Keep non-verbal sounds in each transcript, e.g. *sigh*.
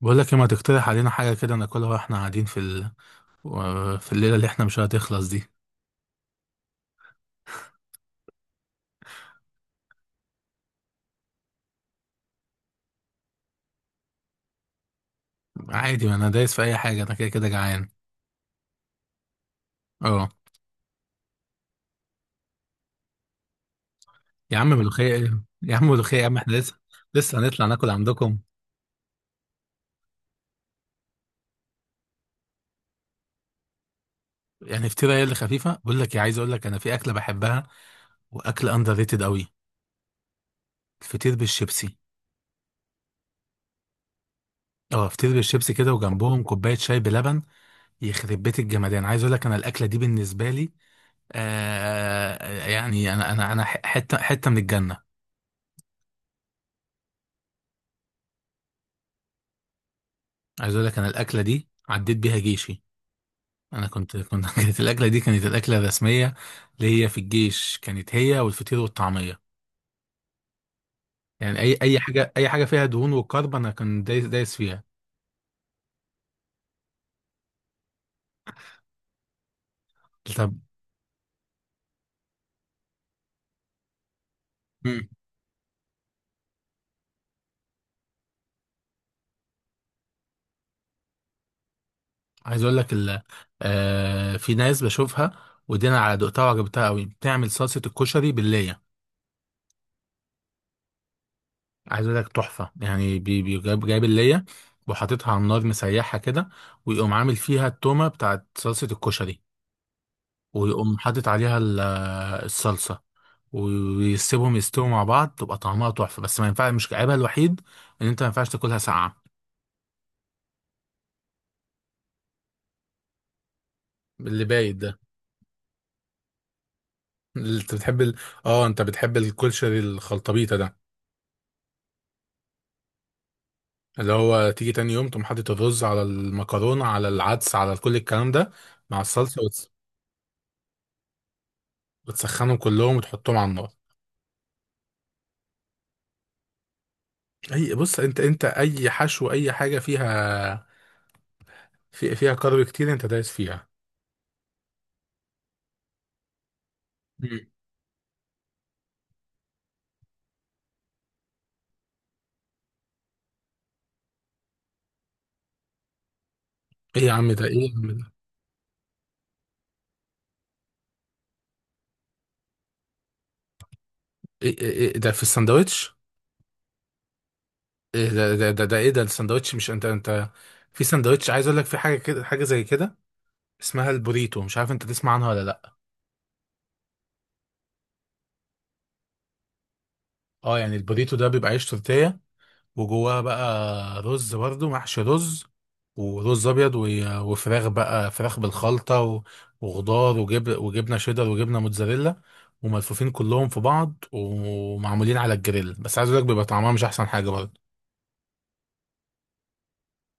بقول لك إيه، ما تقترح علينا حاجة كده ناكلها واحنا قاعدين في الليلة اللي احنا مش هتخلص دي. عادي، ما انا دايس في اي حاجة، انا كده كده جعان. اه، يا عم ملوخية ايه؟ يا عم ملوخية، يا عم احنا لسه هنطلع ناكل عندكم. يعني فطيرة هي اللي خفيفة. بقول لك إيه، عايز اقول لك انا في اكلة بحبها، واكل اندر ريتد قوي. الفطير بالشيبسي. اه، فطير بالشيبسي كده، وجنبهم كوباية شاي بلبن. يخرب بيت الجمدان، عايز اقول لك انا الاكلة دي بالنسبة لي، آه يعني، انا حتة حتة من الجنة. عايز اقول لك انا الاكله دي عديت بيها جيشي. انا كنت *laughs* كانت الاكله دي، كانت الاكله الرسميه اللي هي في الجيش، كانت هي والفطير والطعميه. يعني اي حاجه، اي حاجه فيها دهون وكرب، انا كنت دايس دايس فيها. طب. مم. عايز اقول لك آه، في ناس بشوفها ودينا على دقتها وعجبتها قوي، بتعمل صلصه الكشري بالليه. عايز اقول لك تحفه يعني، جايب الليه وحاططها على النار، مسيحها كده، ويقوم عامل فيها التومه بتاعت صلصه الكشري، ويقوم حاطط عليها الصلصه، ويسيبهم يستووا مع بعض تبقى طعمها تحفه. بس ما ينفعش، مش عيبها الوحيد ان انت ما ينفعش تاكلها ساقعه. اللي بايت ده. اللي انت بتحب اه، انت بتحب الكشري الخلطبيطه ده، اللي هو تيجي تاني يوم تقوم حاطط الرز على المكرونه على العدس على كل الكلام ده مع الصلصه، وتسخنهم كلهم وتحطهم على النار. اي بص، انت اي حشو، اي حاجه فيها، فيها كارب كتير، انت دايس فيها. مم. ايه يا عم ده، ايه يا عم ده، ده في الساندوتش. ايه ده، ده ايه ده الساندوتش؟ مش انت في ساندوتش، عايز اقول لك في حاجه كده، حاجه زي كده اسمها البوريتو، مش عارف انت تسمع عنها ولا لا؟ اه يعني البوريتو ده بيبقى عيش تورتيه، وجواه بقى رز برضه، محشي رز ورز ابيض وفراخ بقى، فراخ بالخلطه وخضار وجبنه شيدر وجبنه موتزاريلا، وملفوفين كلهم في بعض ومعمولين على الجريل. بس عايز اقول لك بيبقى طعمها مش احسن حاجه برضه.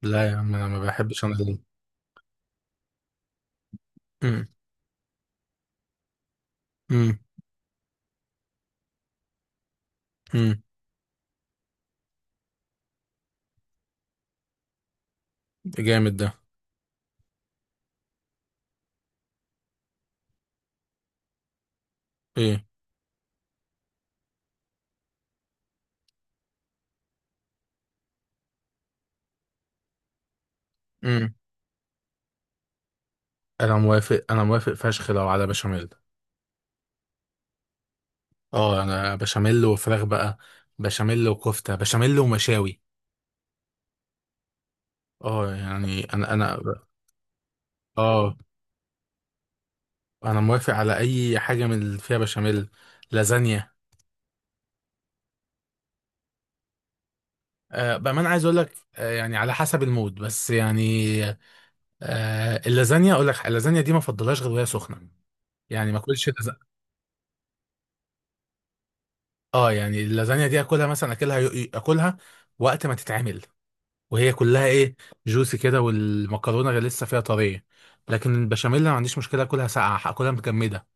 لا يا عم، انا ما بحبش انا ده. امم امم امم جامد ده. ايه، انا موافق انا موافق فشخ لو على بشاميل. اه، انا بشاميل وفراخ بقى، بشاميل وكفته، بشاميل ومشاوي. اه يعني انا. اه، انا موافق على اي حاجه من اللي فيها بشاميل. لازانيا. آه، بامانه عايز اقول لك، يعني على حسب المود بس يعني. آه، اللازانيا اقول لك، اللازانيا دي ما افضلهاش غير وهي سخنه، يعني ما اكلش اه يعني اللازانيا دي اكلها، مثلا اكلها، اكلها وقت ما تتعمل وهي كلها ايه، جوسي كده والمكرونه غير لسه فيها طريه. لكن البشاميل أنا ما عنديش مشكله اكلها ساقعه، اكلها متجمده.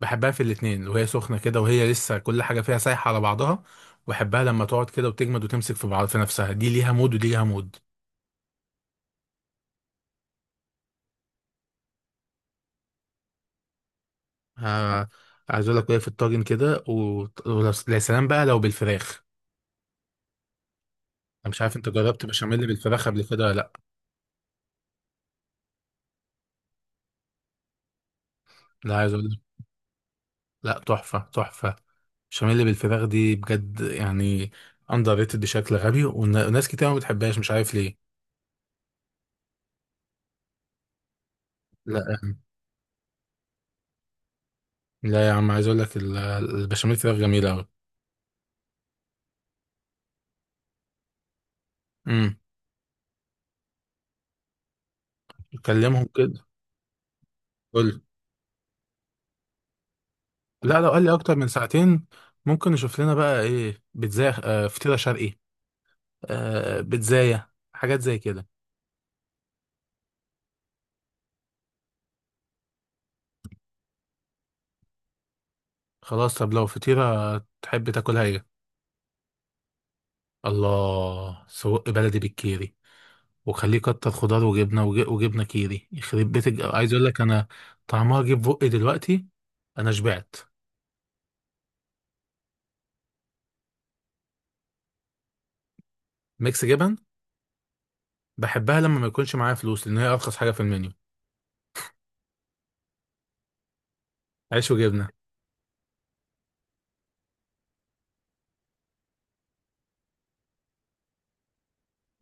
بحبها في الاتنين، وهي سخنه كده وهي لسه كل حاجه فيها سايحه على بعضها، وبحبها لما تقعد كده وتجمد وتمسك في بعض في نفسها، دي ليها مود ودي ليها مود. آه، عايز اقول لك وهي في الطاجن كده ويا سلام بقى لو بالفراخ. انا مش عارف انت جربت بشاميل بالفراخ قبل كده ولا لا؟ لا، عايز اقول، لا، تحفة تحفة، البشاميل بالفراخ دي بجد يعني، اندر ريتد بشكل غبي، وناس كتير ما بتحبهاش مش عارف ليه. لا لا يا عم، عايز اقول لك البشاميل فراخ جميلة قوي. امم. كلمهم كده. قول لي. لا، لو قال لي اكتر من ساعتين، ممكن نشوف لنا بقى ايه، بيتزا، فطيرة شرقي، بيتزاية، حاجات زي كده. خلاص، طب لو فطيرة تحب تاكلها ايه؟ الله، سجق بلدي بالكيري، وخليه كتر خضار وجبنه وجبنه كيري، يخرب بيت عايز اقول لك انا طعمها جه في بقي دلوقتي، انا شبعت. ميكس جبن. بحبها لما ما يكونش معايا فلوس، لان هي ارخص حاجه في المنيو. عيش وجبنه.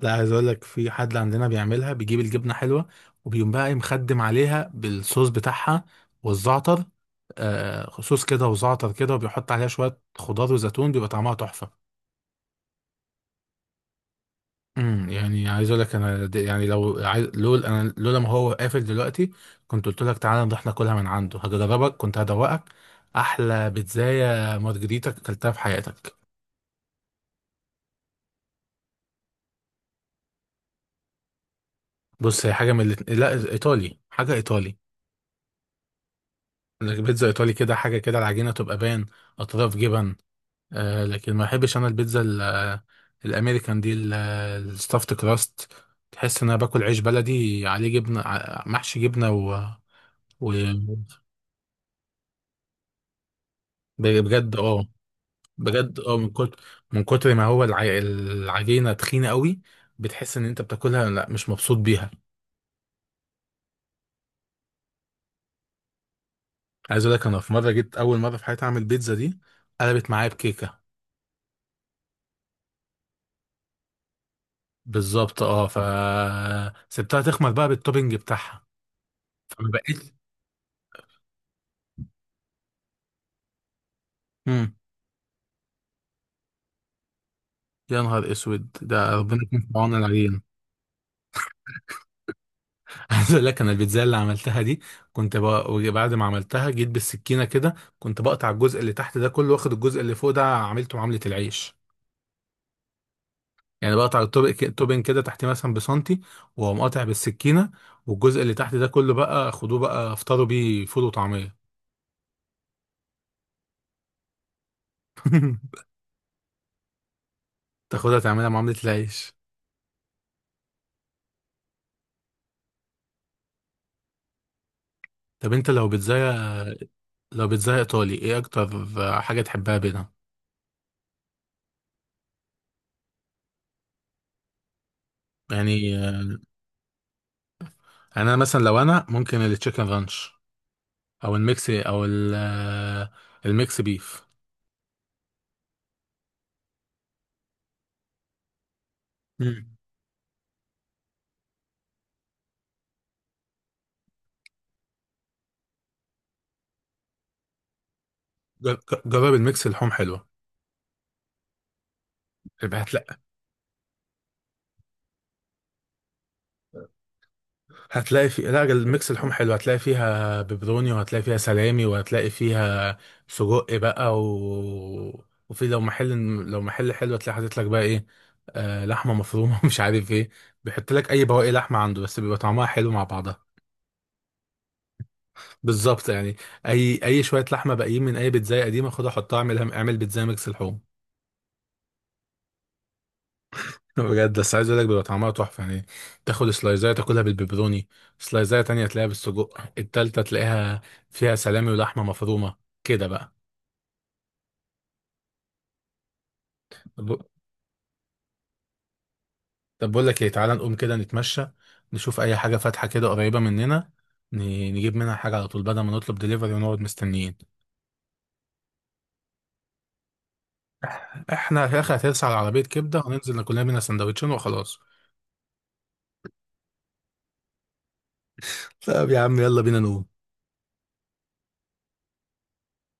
لا، عايز اقول لك في حد عندنا بيعملها، بيجيب الجبنه حلوه، وبيقوم بقى إيه مخدم عليها بالصوص بتاعها والزعتر، آه، صوص كده وزعتر كده، وبيحط عليها شويه خضار وزيتون، بيبقى طعمها تحفه. يعني عايز اقول لك انا يعني لو عايز، انا لولا ما هو قافل دلوقتي كنت قلت لك تعالى نروح ناكلها من عنده، هجربك كنت هدوقك احلى بيتزاية مارجريتا اكلتها في حياتك. بص، هي حاجه من الاتنين، لا، ايطالي، حاجه ايطالي. البيتزا ايطالي كده حاجه كده، العجينه تبقى بان، اطراف جبن. آه، لكن ما بحبش انا البيتزا الامريكان دي، الستافت كراست، تحس ان انا باكل عيش بلدي عليه جبنه، محشي جبنه و- بجد اه. بجد اه، من كتر ما هو العجينه تخينه قوي، بتحس ان انت بتاكلها لا مش مبسوط بيها. عايز اقول لك انا في مره جيت اول مره في حياتي اعمل بيتزا دي، قلبت معايا بكيكه. بالظبط اه، سبتها تخمر بقى بالتوبينج بتاعها، فما بقتش. امم. يا نهار اسود، ده ربنا يكون في عون العجين. *laughs* عايز اقول لك انا البيتزا اللي عملتها دي، كنت بعد ما عملتها جيت بالسكينه كده، كنت بقطع الجزء اللي تحت ده كله واخد الجزء اللي فوق ده عملته معامله العيش. يعني بقطع التوبين كده تحت مثلا بسنتي، واقوم قاطع بالسكينه، والجزء اللي تحت ده كله بقى خدوه بقى افطروا بيه فول وطعميه. *laughs* تاخدها تعملها معامله العيش. طب انت لو بيتزايا، لو بيتزايا ايطالي، ايه اكتر حاجه تحبها بينها؟ يعني انا مثلا لو انا ممكن التشيكن رانش، او الميكس، او الميكس بيف. مم. جرب الميكس، اللحوم حلوه. هتلاقي في، لا، الميكس اللحوم حلو، هتلاقي فيها بيبروني، وهتلاقي فيها سلامي، وهتلاقي فيها سجق بقى وفي لو محل حلو، هتلاقي حاطط لك بقى ايه، آه، لحمه مفرومه *laughs* مش عارف ايه، بيحط لك اي بواقي لحمه عنده، بس بيبقى طعمها حلو مع بعضها. بالظبط يعني. اي شويه لحمه باقيين من اي بيتزايه قديمه، خدها حطها، اعمل بيتزايه ميكس لحوم. بجد، بس عايز اقول لك بيبقى طعمها تحفه يعني، تاخد سلايزايه تاكلها بالبيبروني، سلايزايه تانية تلاقيها بالسجق، التالتة تلاقيها فيها سلامي ولحمه مفرومه، كده بقى. ب- طب بقول لك ايه، تعالى نقوم كده نتمشى، نشوف اي حاجه فاتحه كده قريبه مننا، ن- نجيب منها حاجه على طول بدل ما نطلب دليفري ونقعد مستنيين. احنا في الاخر هترسى على عربيه كبده، وننزل ناكل لنا منها سندوتشين وخلاص. *laughs* طب يا عم يلا بينا نقوم.